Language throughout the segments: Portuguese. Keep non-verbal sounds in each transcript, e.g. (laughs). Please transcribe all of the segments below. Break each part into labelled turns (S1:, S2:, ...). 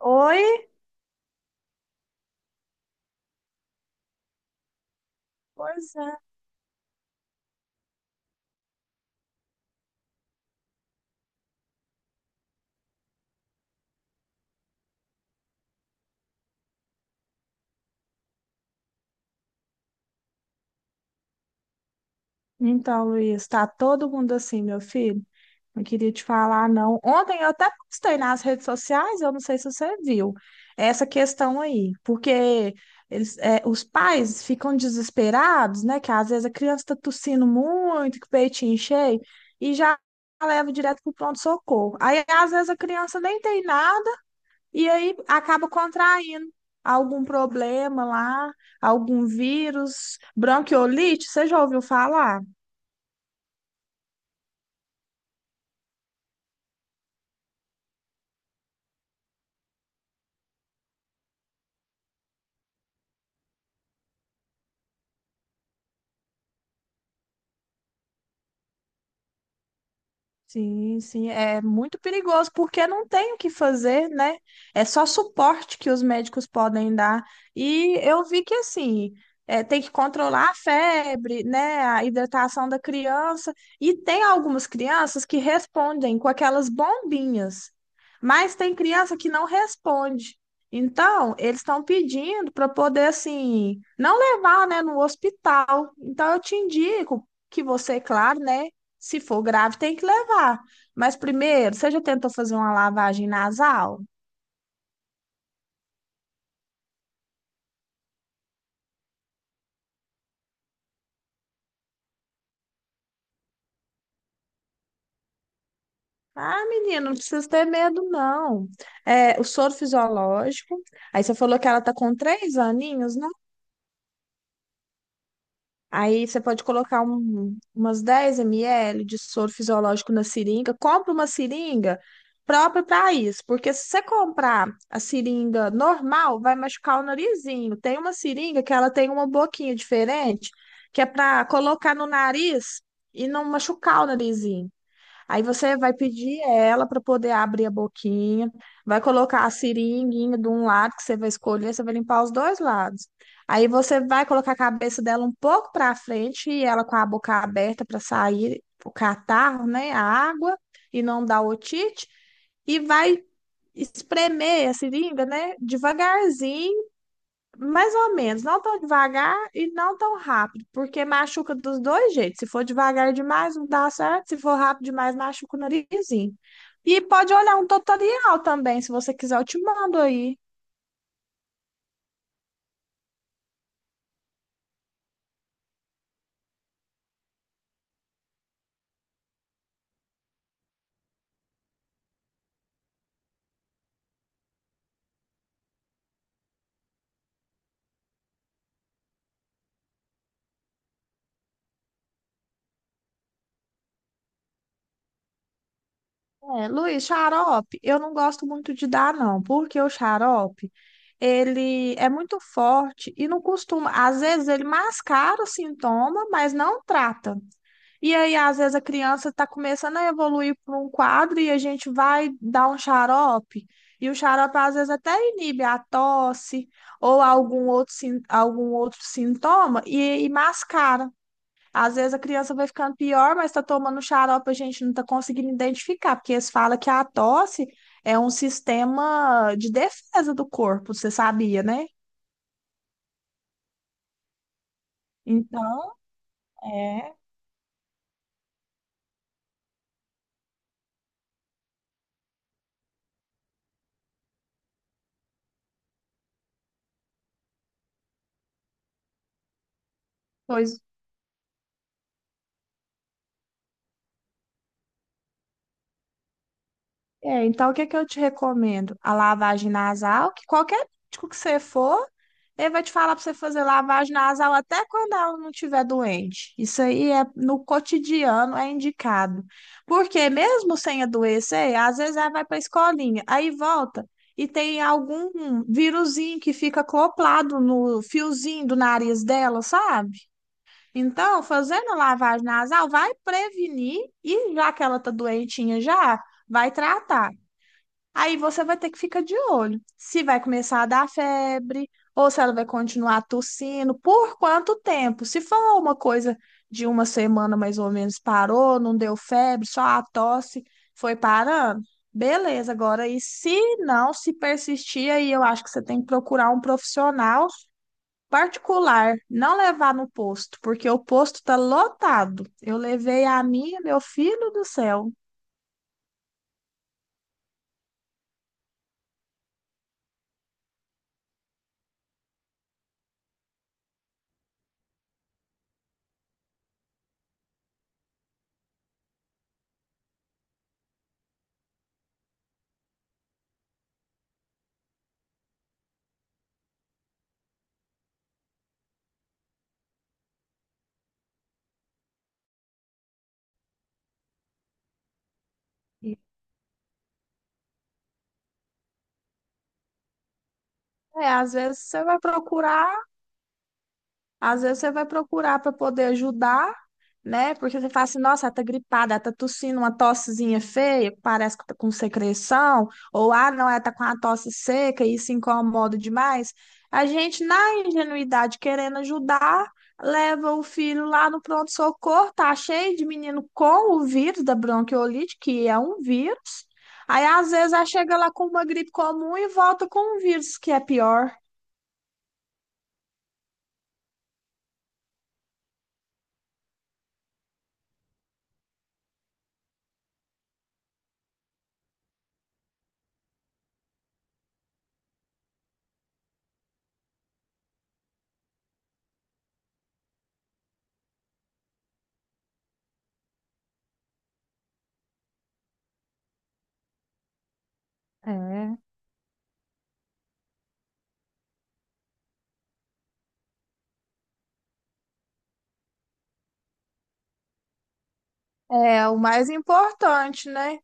S1: Oi? Pois é. Então, Luiz, tá todo mundo assim, meu filho? Não queria te falar, não. Ontem eu até postei nas redes sociais, eu não sei se você viu, essa questão aí, porque eles, é, os pais ficam desesperados, né? Que às vezes a criança tá tossindo muito, que o peitinho cheio, e já leva direto pro pronto-socorro. Aí, às vezes, a criança nem tem nada. E aí acaba contraindo algum problema lá, algum vírus, bronquiolite, você já ouviu falar? Sim, sim, é muito perigoso porque não tem o que fazer, né? É só suporte que os médicos podem dar. E eu vi que assim, é, tem que controlar a febre, né? A hidratação da criança. E tem algumas crianças que respondem com aquelas bombinhas, mas tem criança que não responde. Então, eles estão pedindo para poder assim, não levar, né, no hospital. Então, eu te indico que você, claro, né? Se for grave, tem que levar. Mas primeiro, você já tentou fazer uma lavagem nasal? Ah, menina, não precisa ter medo, não. É, o soro fisiológico. Aí você falou que ela tá com 3 aninhos. Aí você pode colocar umas 10 ml de soro fisiológico na seringa. Compra uma seringa própria para isso, porque se você comprar a seringa normal, vai machucar o narizinho. Tem uma seringa que ela tem uma boquinha diferente, que é para colocar no nariz e não machucar o narizinho. Aí você vai pedir ela para poder abrir a boquinha, vai colocar a seringuinha de um lado que você vai escolher, você vai limpar os dois lados. Aí você vai colocar a cabeça dela um pouco para frente e ela com a boca aberta para sair o catarro, né, a água e não dar otite e vai espremer a seringa, né, devagarzinho, mais ou menos, não tão devagar e não tão rápido, porque machuca dos dois jeitos. Se for devagar demais, não dá certo. Se for rápido demais, machuca o narizinho. E pode olhar um tutorial também, se você quiser, eu te mando aí. É, Luiz, xarope, eu não gosto muito de dar, não, porque o xarope, ele é muito forte e não costuma. Às vezes ele mascara o sintoma, mas não trata. E aí, às vezes, a criança está começando a evoluir para um quadro e a gente vai dar um xarope. E o xarope, às vezes, até inibe a tosse ou algum outro, algum outro sintoma e mascara. Às vezes a criança vai ficando pior, mas está tomando xarope, a gente não está conseguindo identificar, porque eles falam que a tosse é um sistema de defesa do corpo, você sabia, né? Então, é, pois é, então o que é que eu te recomendo? A lavagem nasal, que qualquer médico que você for, ele vai te falar para você fazer lavagem nasal até quando ela não estiver doente. Isso aí é no cotidiano, é indicado. Porque mesmo sem adoecer, às vezes ela vai para a escolinha, aí volta e tem algum vírusinho que fica acoplado no fiozinho do nariz dela, sabe? Então, fazendo a lavagem nasal vai prevenir e já que ela tá doentinha já, vai tratar. Aí você vai ter que ficar de olho se vai começar a dar febre ou se ela vai continuar tossindo, por quanto tempo. Se for uma coisa de uma semana mais ou menos, parou, não deu febre, só a tosse foi parando, beleza. Agora, e se não, se persistir, aí eu acho que você tem que procurar um profissional particular, não levar no posto, porque o posto está lotado. Eu levei a minha, meu filho do céu. É, às vezes você vai procurar. Às vezes você vai procurar para poder ajudar, né? Porque você fala assim, nossa, ela tá gripada, ela tá tossindo uma tossezinha feia, parece que tá com secreção, ou ah, não, ela tá com uma tosse seca e isso incomoda demais. A gente, na ingenuidade, querendo ajudar, leva o filho lá no pronto-socorro, tá cheio de menino com o vírus da bronquiolite, que é um vírus. Aí, às vezes, ela chega lá com uma gripe comum e volta com um vírus que é pior. É. É o mais importante, né?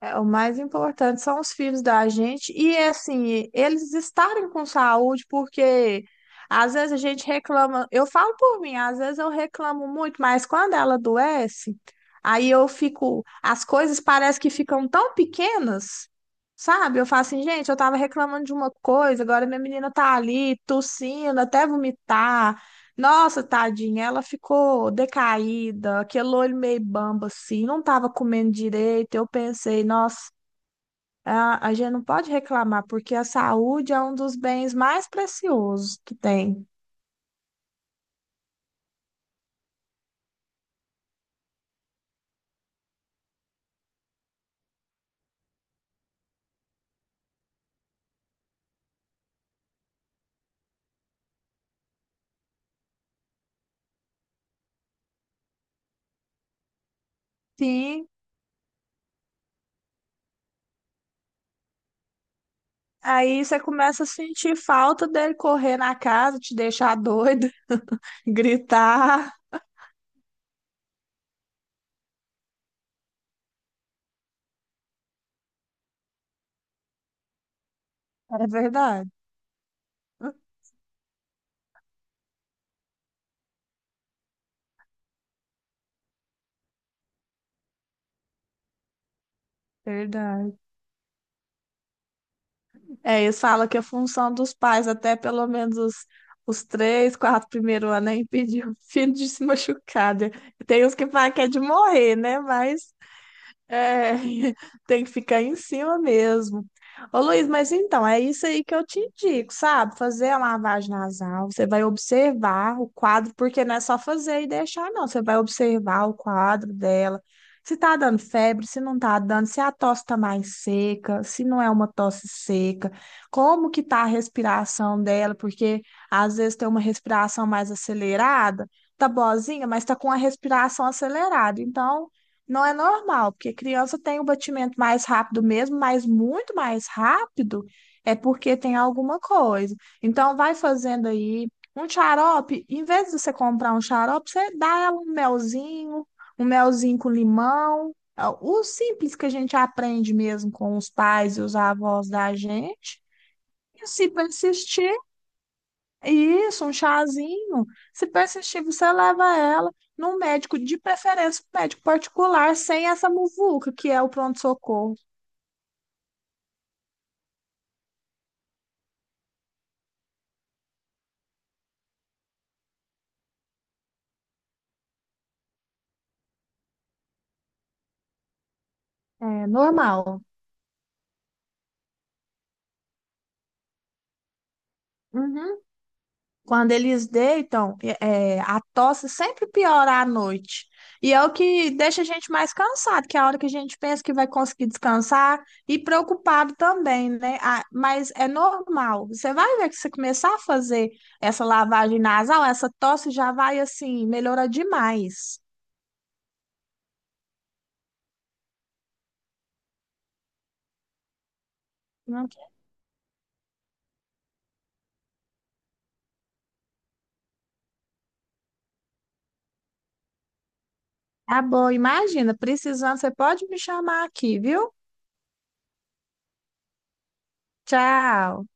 S1: É, o mais importante são os filhos da gente e assim, eles estarem com saúde, porque às vezes a gente reclama, eu falo por mim, às vezes eu reclamo muito, mas quando ela adoece, aí eu fico, as coisas parece que ficam tão pequenas, sabe? Eu falo assim, gente, eu tava reclamando de uma coisa, agora minha menina tá ali tossindo, até vomitar. Nossa, tadinha, ela ficou decaída, aquele olho meio bamba assim, não estava comendo direito. Eu pensei, nossa, a gente não pode reclamar, porque a saúde é um dos bens mais preciosos que tem. Sim, aí você começa a sentir falta dele correr na casa, te deixar doido, (laughs) gritar. É verdade, verdade. É, eles falam que a função dos pais, até pelo menos os 3, 4 primeiros anos, é impedir o filho de se machucar, né? Tem uns que falam que é de morrer, né? Mas é, (laughs) tem que ficar em cima mesmo. Ô Luiz, mas então, é isso aí que eu te indico, sabe? Fazer a lavagem nasal, você vai observar o quadro, porque não é só fazer e deixar, não. Você vai observar o quadro dela, se tá dando febre, se não tá dando, se a tosse tá mais seca, se não é uma tosse seca, como que tá a respiração dela, porque às vezes tem uma respiração mais acelerada, tá boazinha, mas tá com a respiração acelerada, então não é normal, porque criança tem o batimento mais rápido mesmo, mas muito mais rápido é porque tem alguma coisa. Então, vai fazendo aí um xarope. Em vez de você comprar um xarope, você dá ela um melzinho com limão. É o simples que a gente aprende mesmo com os pais e os avós da gente. E se persistir, isso, um chazinho. Se persistir, você leva ela num médico, de preferência, um médico particular, sem essa muvuca, que é o pronto-socorro. É normal. Uhum. Quando eles deitam, é, é, a tosse sempre piora à noite. E é o que deixa a gente mais cansado, que é a hora que a gente pensa que vai conseguir descansar e preocupado também, né? Ah, mas é normal. Você vai ver que você começar a fazer essa lavagem nasal, essa tosse já vai assim, melhora demais. Não. Tá bom, imagina, precisando, você pode me chamar aqui, viu? Tchau.